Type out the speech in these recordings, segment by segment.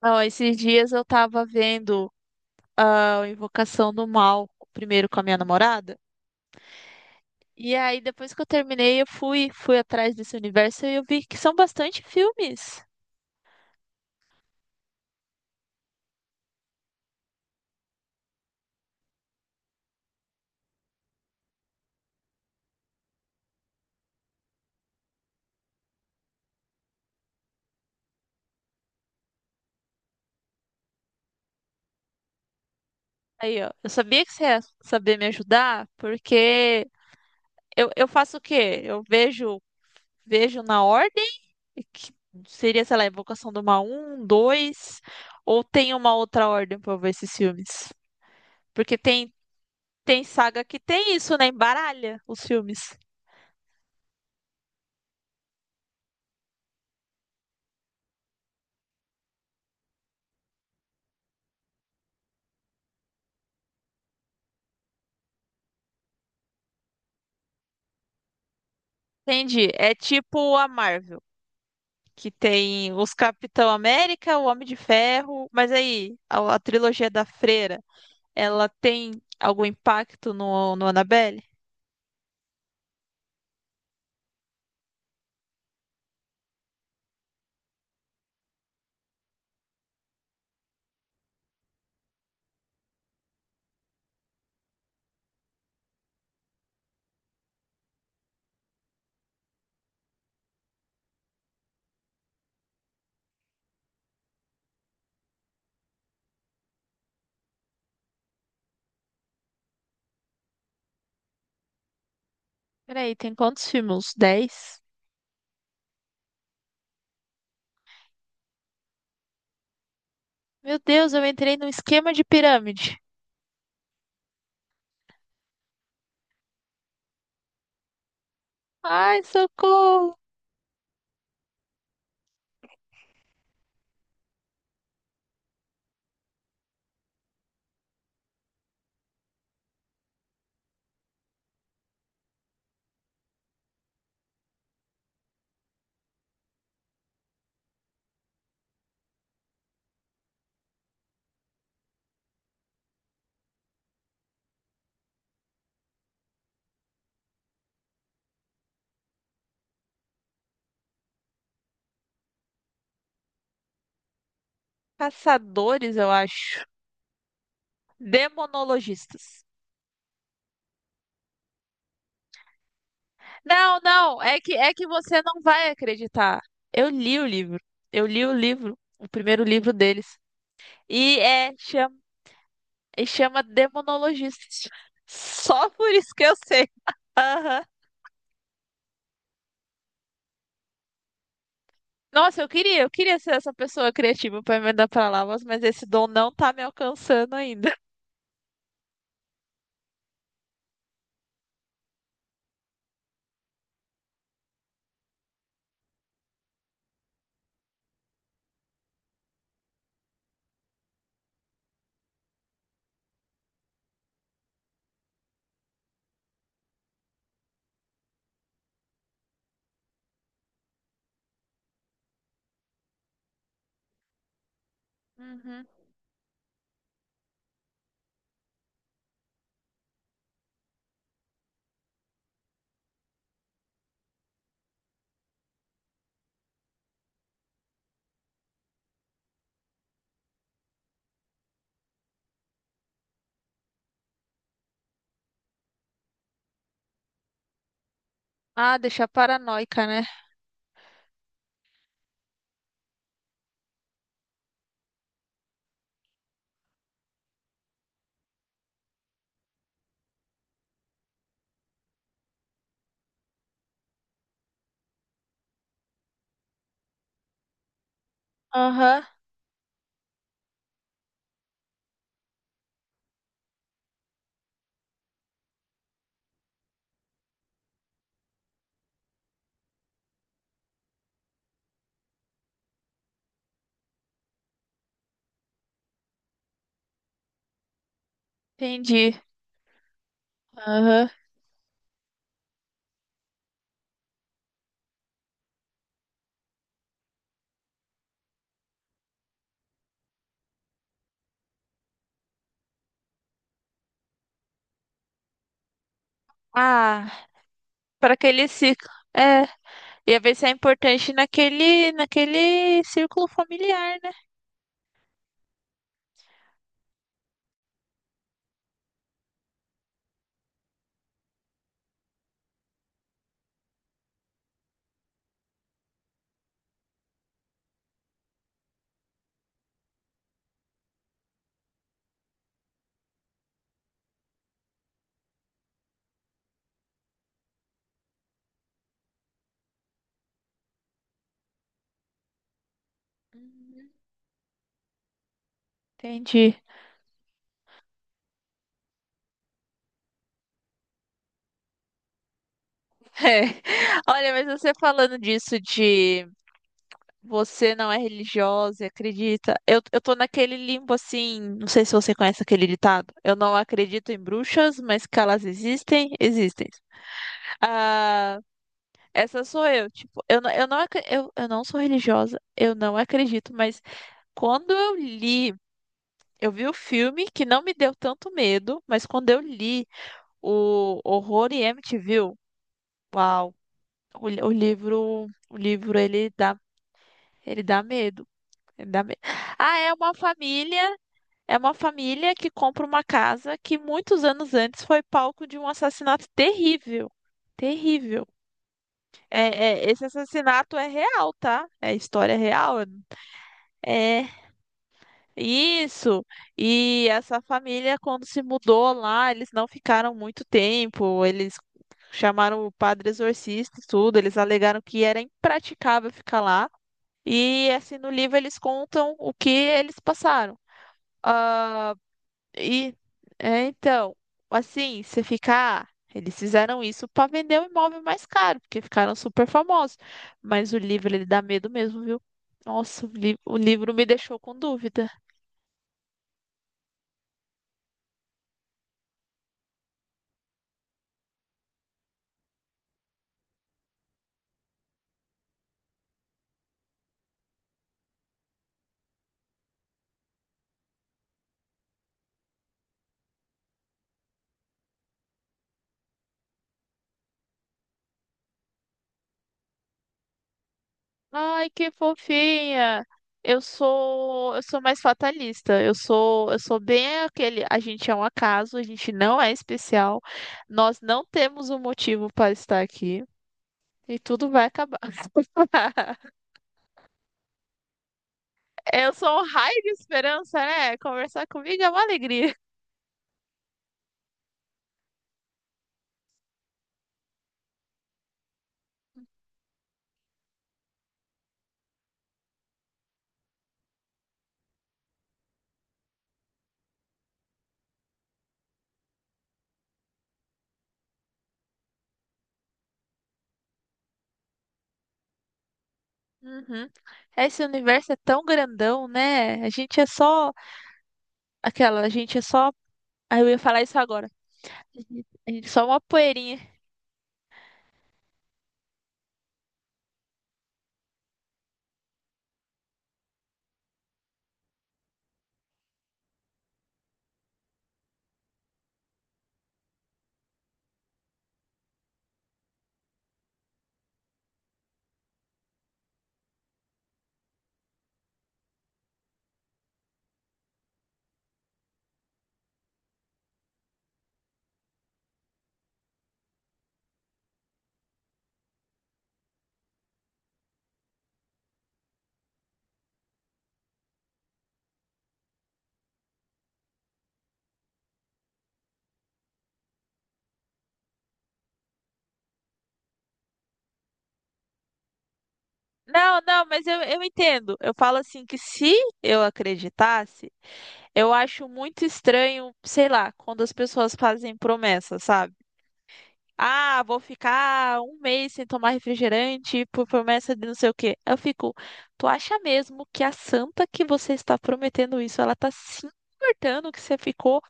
Não, esses dias eu tava vendo a Invocação do Mal, primeiro com a minha namorada. E aí, depois que eu terminei, eu fui atrás desse universo e eu vi que são bastante filmes. Aí, ó, eu sabia que você ia saber me ajudar, porque eu faço o quê? Eu vejo na ordem, que seria, sei lá, Invocação do Mal um dois, ou tem uma outra ordem pra eu ver esses filmes. Porque tem saga que tem isso, né? Embaralha os filmes. Entendi. É tipo a Marvel, que tem os Capitão América, o Homem de Ferro, mas aí, a trilogia da Freira, ela tem algum impacto no Annabelle? Peraí, tem quantos filmes? 10? Meu Deus, eu entrei num esquema de pirâmide. Ai, socorro! Caçadores, eu acho. Demonologistas. Não, não, é que você não vai acreditar. Eu li o livro. Eu li o livro, o primeiro livro deles. E é, chama E chama demonologista. Só por isso que eu sei. Aham. Nossa, eu queria ser essa pessoa criativa para emendar palavras, mas esse dom não tá me alcançando ainda. Uhum. Ah, deixar paranoica, né? Aham, entendi. Aham. Ah, para aquele ciclo. É, ia ver se é importante naquele círculo familiar, né? Uhum. Entendi. É. Olha, mas você falando disso de. Você não é religiosa, e acredita? Eu tô naquele limbo assim, não sei se você conhece aquele ditado. Eu não acredito em bruxas, mas que elas existem, existem. Ah, essa sou eu, tipo, eu não sou religiosa, eu não acredito, mas quando eu li, eu vi o filme que não me deu tanto medo, mas quando eu li o Horror em Amityville, uau, o livro ele dá medo, ele dá medo. Ah, é uma família É uma família que compra uma casa que muitos anos antes foi palco de um assassinato terrível. Terrível. É, esse assassinato é real, tá? É história real. É isso. E essa família, quando se mudou lá, eles não ficaram muito tempo. Eles chamaram o padre exorcista e tudo. Eles alegaram que era impraticável ficar lá. E assim, no livro eles contam o que eles passaram. Ah, E então, assim, você fica, eles fizeram isso para vender o imóvel mais caro, porque ficaram super famosos. Mas o livro, ele dá medo mesmo, viu? Nossa, o livro me deixou com dúvida. Ai, que fofinha. Eu sou mais fatalista. Eu sou bem aquele, a gente é um acaso, a gente não é especial. Nós não temos um motivo para estar aqui e tudo vai acabar. Eu sou um raio de esperança, né? Conversar comigo é uma alegria. Uhum. Esse universo é tão grandão, né? A gente é só aquela, a gente é só. Ah, eu ia falar isso agora. A gente é só uma poeirinha. Não, não, mas eu entendo. Eu falo assim que, se eu acreditasse, eu acho muito estranho, sei lá, quando as pessoas fazem promessas, sabe? Ah, vou ficar um mês sem tomar refrigerante por promessa de não sei o quê. Eu fico, tu acha mesmo que a santa que você está prometendo isso, ela tá se importando que você ficou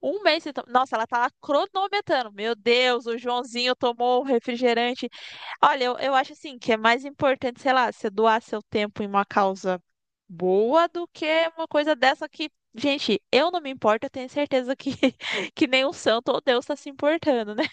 um mês sem tomar? Nossa, ela tá lá cronometrando. Meu Deus, o Joãozinho tomou o refrigerante. Olha, eu acho assim que é mais importante, sei lá, você doar seu tempo em uma causa boa do que uma coisa dessa que, gente, eu não me importo, eu tenho certeza que, que nem o santo ou Deus está se importando, né?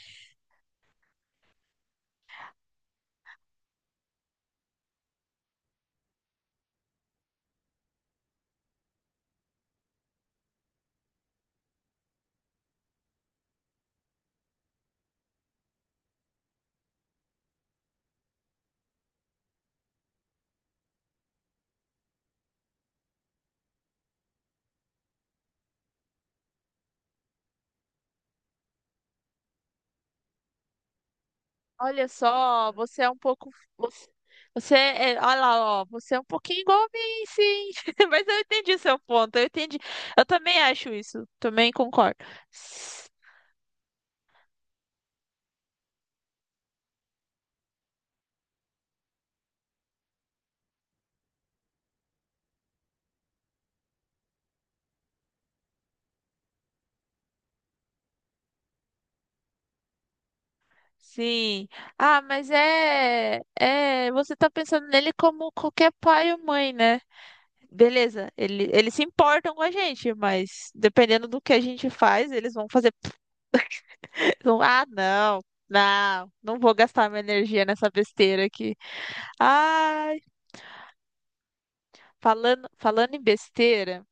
Olha só, você é um pouco. Você, você é. Olha lá, ó, você é um pouquinho igual a mim, sim. Mas eu entendi seu ponto, eu entendi. Eu também acho isso, também concordo. S- Sim. Ah, mas é. É, você tá pensando nele como qualquer pai ou mãe, né? Beleza, eles se importam com a gente, mas dependendo do que a gente faz, eles vão fazer. Ah, não, não, não vou gastar minha energia nessa besteira aqui. Ai. Falando em besteira,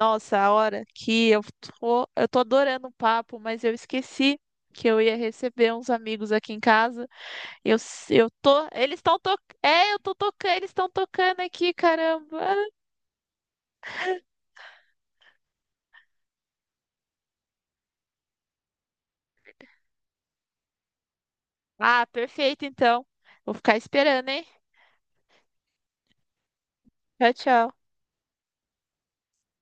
nossa, a hora que eu tô adorando o papo, mas eu esqueci que eu ia receber uns amigos aqui em casa. Eu, s- eu tô, eles estão to, eu tô tocando, eles estão tocando aqui, caramba. Ah, perfeito, então. Vou ficar esperando, hein? Tchau, tchau.